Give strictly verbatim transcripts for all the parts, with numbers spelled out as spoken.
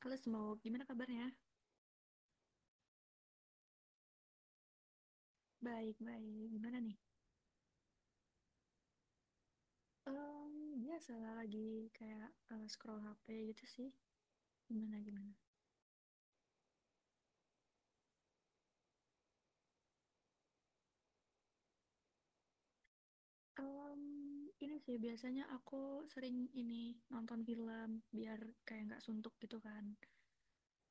Halo Smoke, gimana kabarnya? Baik, baik. Gimana nih? Em, biasa lah lagi kayak eh, scroll H P gitu sih. Gimana, gimana? Em, ini sih biasanya aku sering ini nonton film biar kayak nggak suntuk gitu kan.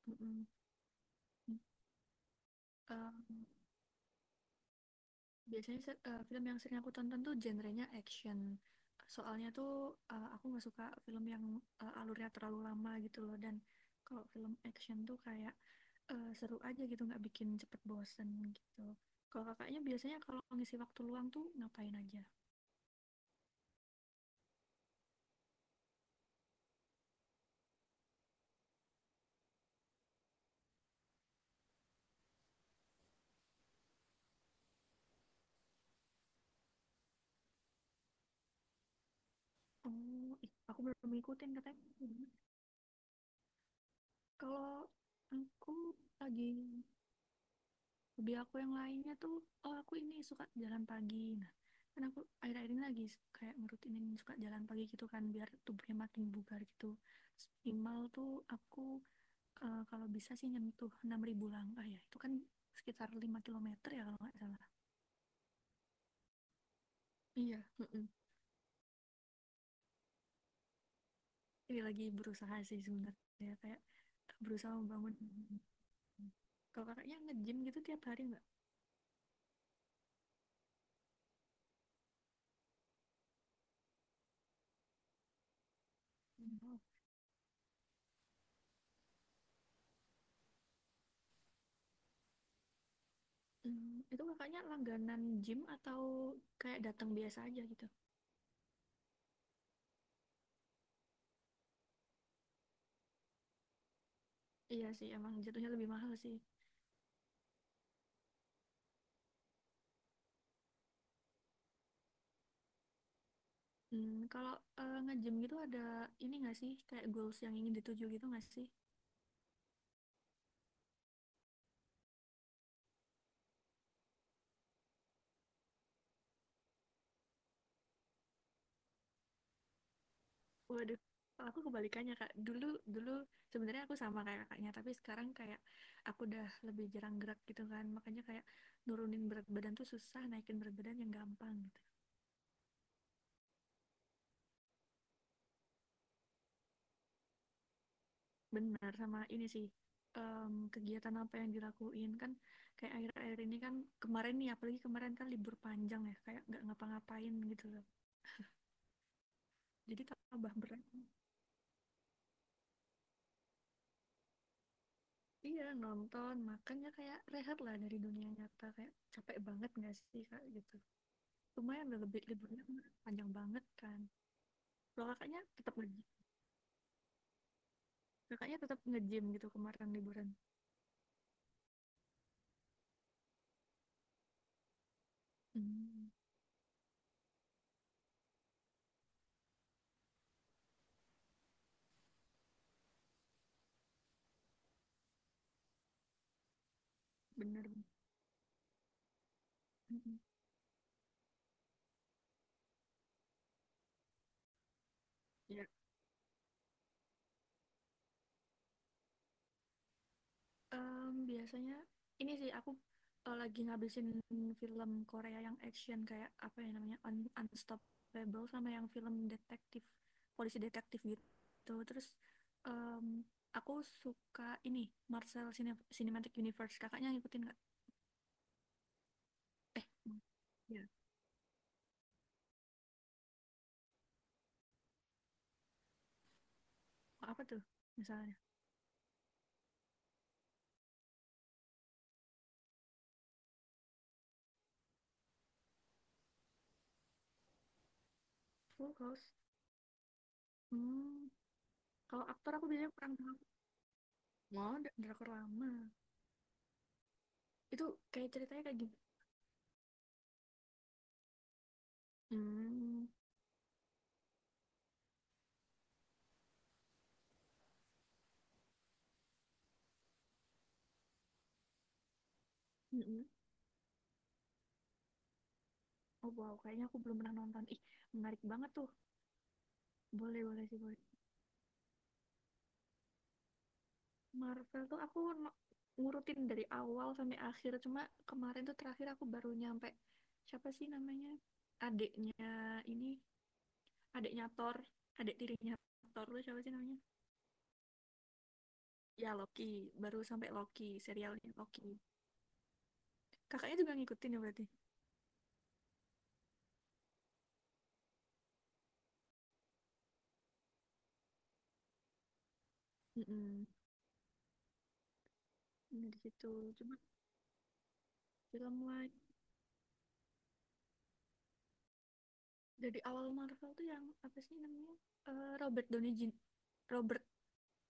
Mm-mm. Em, biasanya se- eh, film yang sering aku tonton tuh genrenya action. Soalnya tuh eh, aku nggak suka film yang eh, alurnya terlalu lama gitu loh. Dan kalau film action tuh kayak eh, seru aja gitu nggak bikin cepet bosen gitu. Kalau kakaknya biasanya kalau ngisi waktu luang tuh ngapain aja? Oh ih, aku belum ngikutin katanya. Hmm. Kalau aku lagi hobi aku yang lainnya tuh, oh aku ini suka jalan pagi. Nah kan aku akhir-akhir ini lagi kayak ngerutinin suka jalan pagi gitu kan biar tubuhnya makin bugar gitu. Terus minimal tuh aku eh, kalau bisa sih nyentuh enam ribu langkah, ya itu kan sekitar lima kilometer ya kalau nggak salah. Iya, mm-mm. Ini lagi berusaha sih sebenarnya kayak berusaha membangun. Kalau kakaknya nge-gym gitu tiap hari nggak? Hmm. Hmm, itu kakaknya langganan gym atau kayak datang biasa aja gitu? Iya sih emang jatuhnya lebih mahal sih. Hmm, kalau eh, nge-gym gitu ada ini nggak sih kayak goals yang ingin dituju gitu nggak sih? Waduh, kalau aku kebalikannya, Kak. Dulu dulu sebenarnya aku sama kayak kakaknya, tapi sekarang kayak aku udah lebih jarang gerak gitu kan. Makanya kayak nurunin berat badan tuh susah, naikin berat badan yang gampang gitu. Benar sama ini sih. em, kegiatan apa yang dilakuin kan kayak akhir-akhir ini kan kemarin nih apalagi kemarin kan libur panjang ya kayak nggak ngapa-ngapain gitu loh, jadi tambah berat. Iya nonton makanya kayak rehat lah dari dunia nyata, kayak capek banget nggak sih kak gitu. Lumayan udah lebih, liburnya kemarin panjang banget kan. Kalau kakaknya tetap nge-, kakaknya tetap nge-gym gitu kemarin liburan? Hmm, bener. Mm-mm. Ya. Em, biasanya ini sih aku eh, lagi ngabisin film Korea yang action kayak apa ya namanya, Un- Unstoppable, sama yang film detektif, polisi detektif gitu. Terus em, aku suka ini Marvel Cine- Cinematic Universe, kakaknya ngikutin nggak? Hmm. Ya. Apa tuh, misalnya? Full House. Hmm. Kalau aktor aku biasanya kurang tahu. Mau dra- drakor lama. Itu kayak ceritanya kayak gini. Hmm. Mm-mm. Oh wow, kayaknya aku belum pernah nonton. Ih, menarik banget tuh. Boleh, boleh sih, boleh. Marvel tuh aku no- ngurutin dari awal sampai akhir. Cuma kemarin tuh terakhir aku baru nyampe, siapa sih namanya? Adiknya ini, adiknya Thor, adik tirinya Thor tuh siapa sih namanya? Ya Loki, baru sampai Loki, serialnya Loki. Kakaknya juga ngikutin ya berarti. Mm-mm. Nah, di situ cuma film lain, dari awal Marvel tuh yang apa sih namanya, eh, Robert Downey Jin- Robert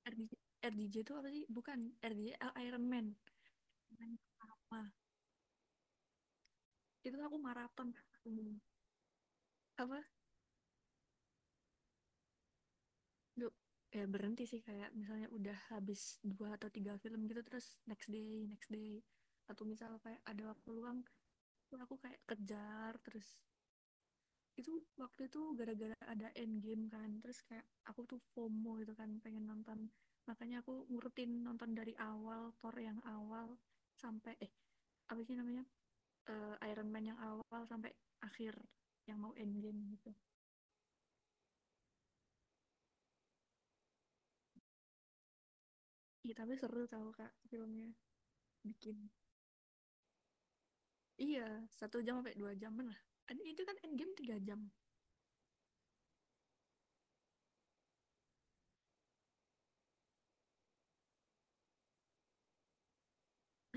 R D J, R D J itu apa sih, bukan R D J, eh, Iron Man Man pertama. Itu aku maraton. Hmm. Apa, du, ya berhenti sih kayak misalnya udah habis dua atau tiga film gitu, terus next day next day atau misal kayak ada waktu luang tuh aku kayak kejar terus. Itu waktu itu gara-gara ada Endgame kan, terus kayak aku tuh FOMO gitu kan pengen nonton, makanya aku ngurutin nonton dari awal Thor yang awal sampai eh apa sih namanya, Eh, Iron Man yang awal sampai akhir yang mau Endgame gitu. Iya tapi seru tau kak filmnya. Bikin, iya satu jam sampai dua jaman lah. Itu kan Endgame tiga jam.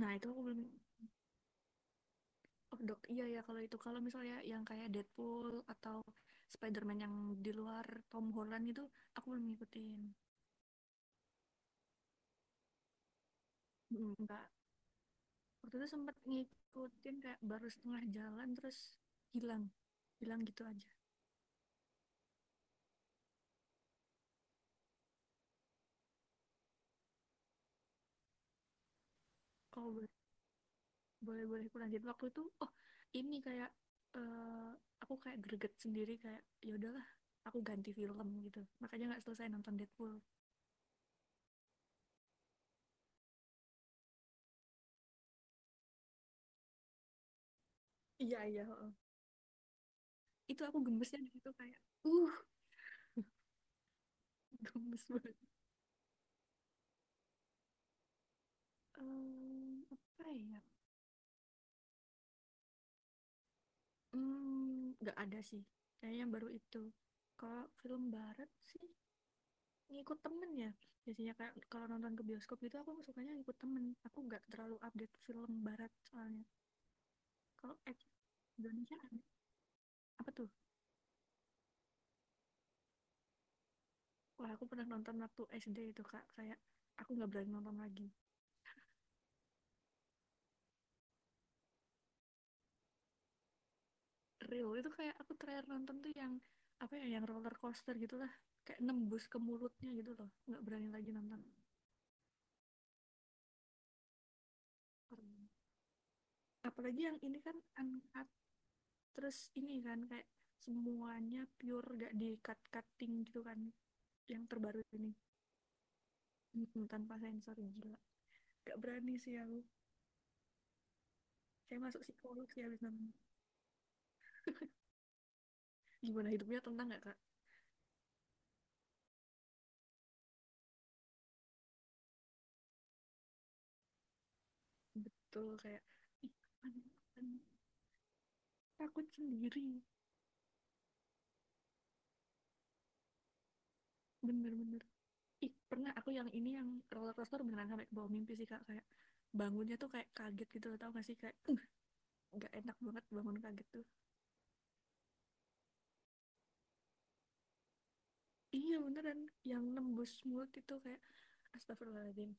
Nah itu aku belum. Oh, dok, iya ya kalau itu. Kalau misalnya yang kayak Deadpool atau Spider-Man yang di luar Tom Holland itu, aku belum ngikutin. Mm. Enggak. Waktu itu sempat ngikutin kayak baru setengah jalan terus hilang. Hilang gitu aja. Kalau boleh-boleh aku lanjut waktu itu, oh ini kayak eh aku kayak greget sendiri kayak ya udahlah aku ganti film gitu. Makanya nggak selesai nonton Deadpool. Iya, iya. Heeh. Itu aku gemesnya di situ kayak, uh, gemes banget. Em, apa ya? Mmm, nggak ada sih, kayaknya baru itu. Kalau film barat sih ngikut temen ya, biasanya kayak kalau nonton ke bioskop gitu aku sukanya ngikut temen, aku nggak terlalu update film barat soalnya. Kalau ek Indonesia ada, apa tuh? Wah aku pernah nonton waktu S D itu Kak, kayak aku nggak berani nonton lagi. Real, itu kayak aku terakhir nonton tuh yang, apa ya, yang roller coaster gitulah, kayak nembus ke mulutnya gitu loh, nggak berani lagi nonton. Apalagi yang ini kan, Anka, terus ini kan kayak semuanya pure gak di cut-cutting gitu kan, yang terbaru ini. Mm, tanpa sensor gila, gak berani sih aku. Saya masuk psikolog sih habis nonton, gimana hidupnya tenang gak kak? Betul kayak ih apaan, apaan. Takut sendiri. Bener-bener ih, pernah aku yang ini yang roller coaster beneran sampai ke bawah mimpi sih kak, kayak bangunnya tuh kayak kaget gitu loh tau gak sih kayak, "Uh, nggak enak banget bangun kaget tuh." Iya beneran yang nembus mulut itu kayak astagfirullahaladzim.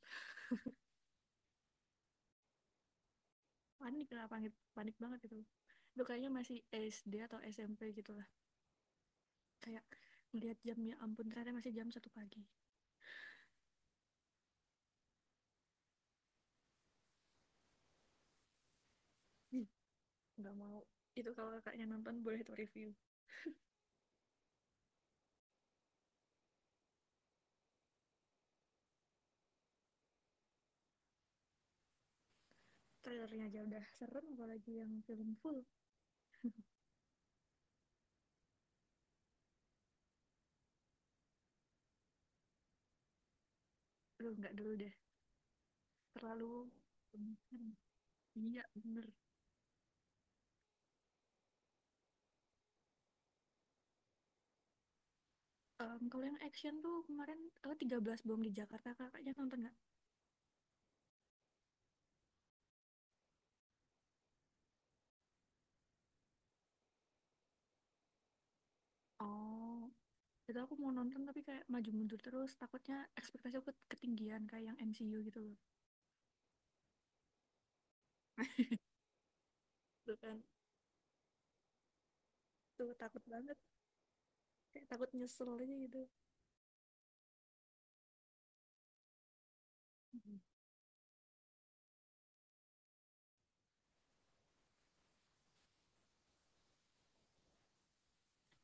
Panik lah, panik, panik banget gitu. Itu kayaknya masih S D atau S M P gitu lah, kayak melihat jamnya ampun ternyata masih jam satu pagi. Ih, nggak mau. Itu kalau kakaknya nonton, boleh tuh review. Trailernya aja udah serem apalagi yang film full. Aduh nggak dulu deh. Terlalu, iya bener. Em, kalau yang action tuh kemarin, oh, tiga belas bom di Jakarta kakaknya nonton nggak? Oh itu aku mau nonton tapi kayak maju mundur terus, takutnya ekspektasi aku ketinggian kayak yang M C U gitu loh. Tuh kan. Tuh takut banget, kayak takut nyesel aja gitu.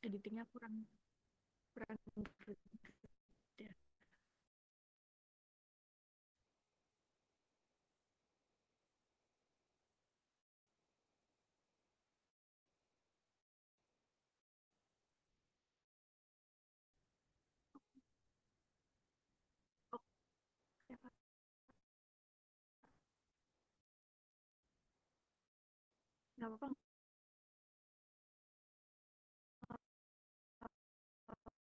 Editingnya kurang, kurang gitu ya. Oke. Nggak apa-apa. Nggak apa-apa.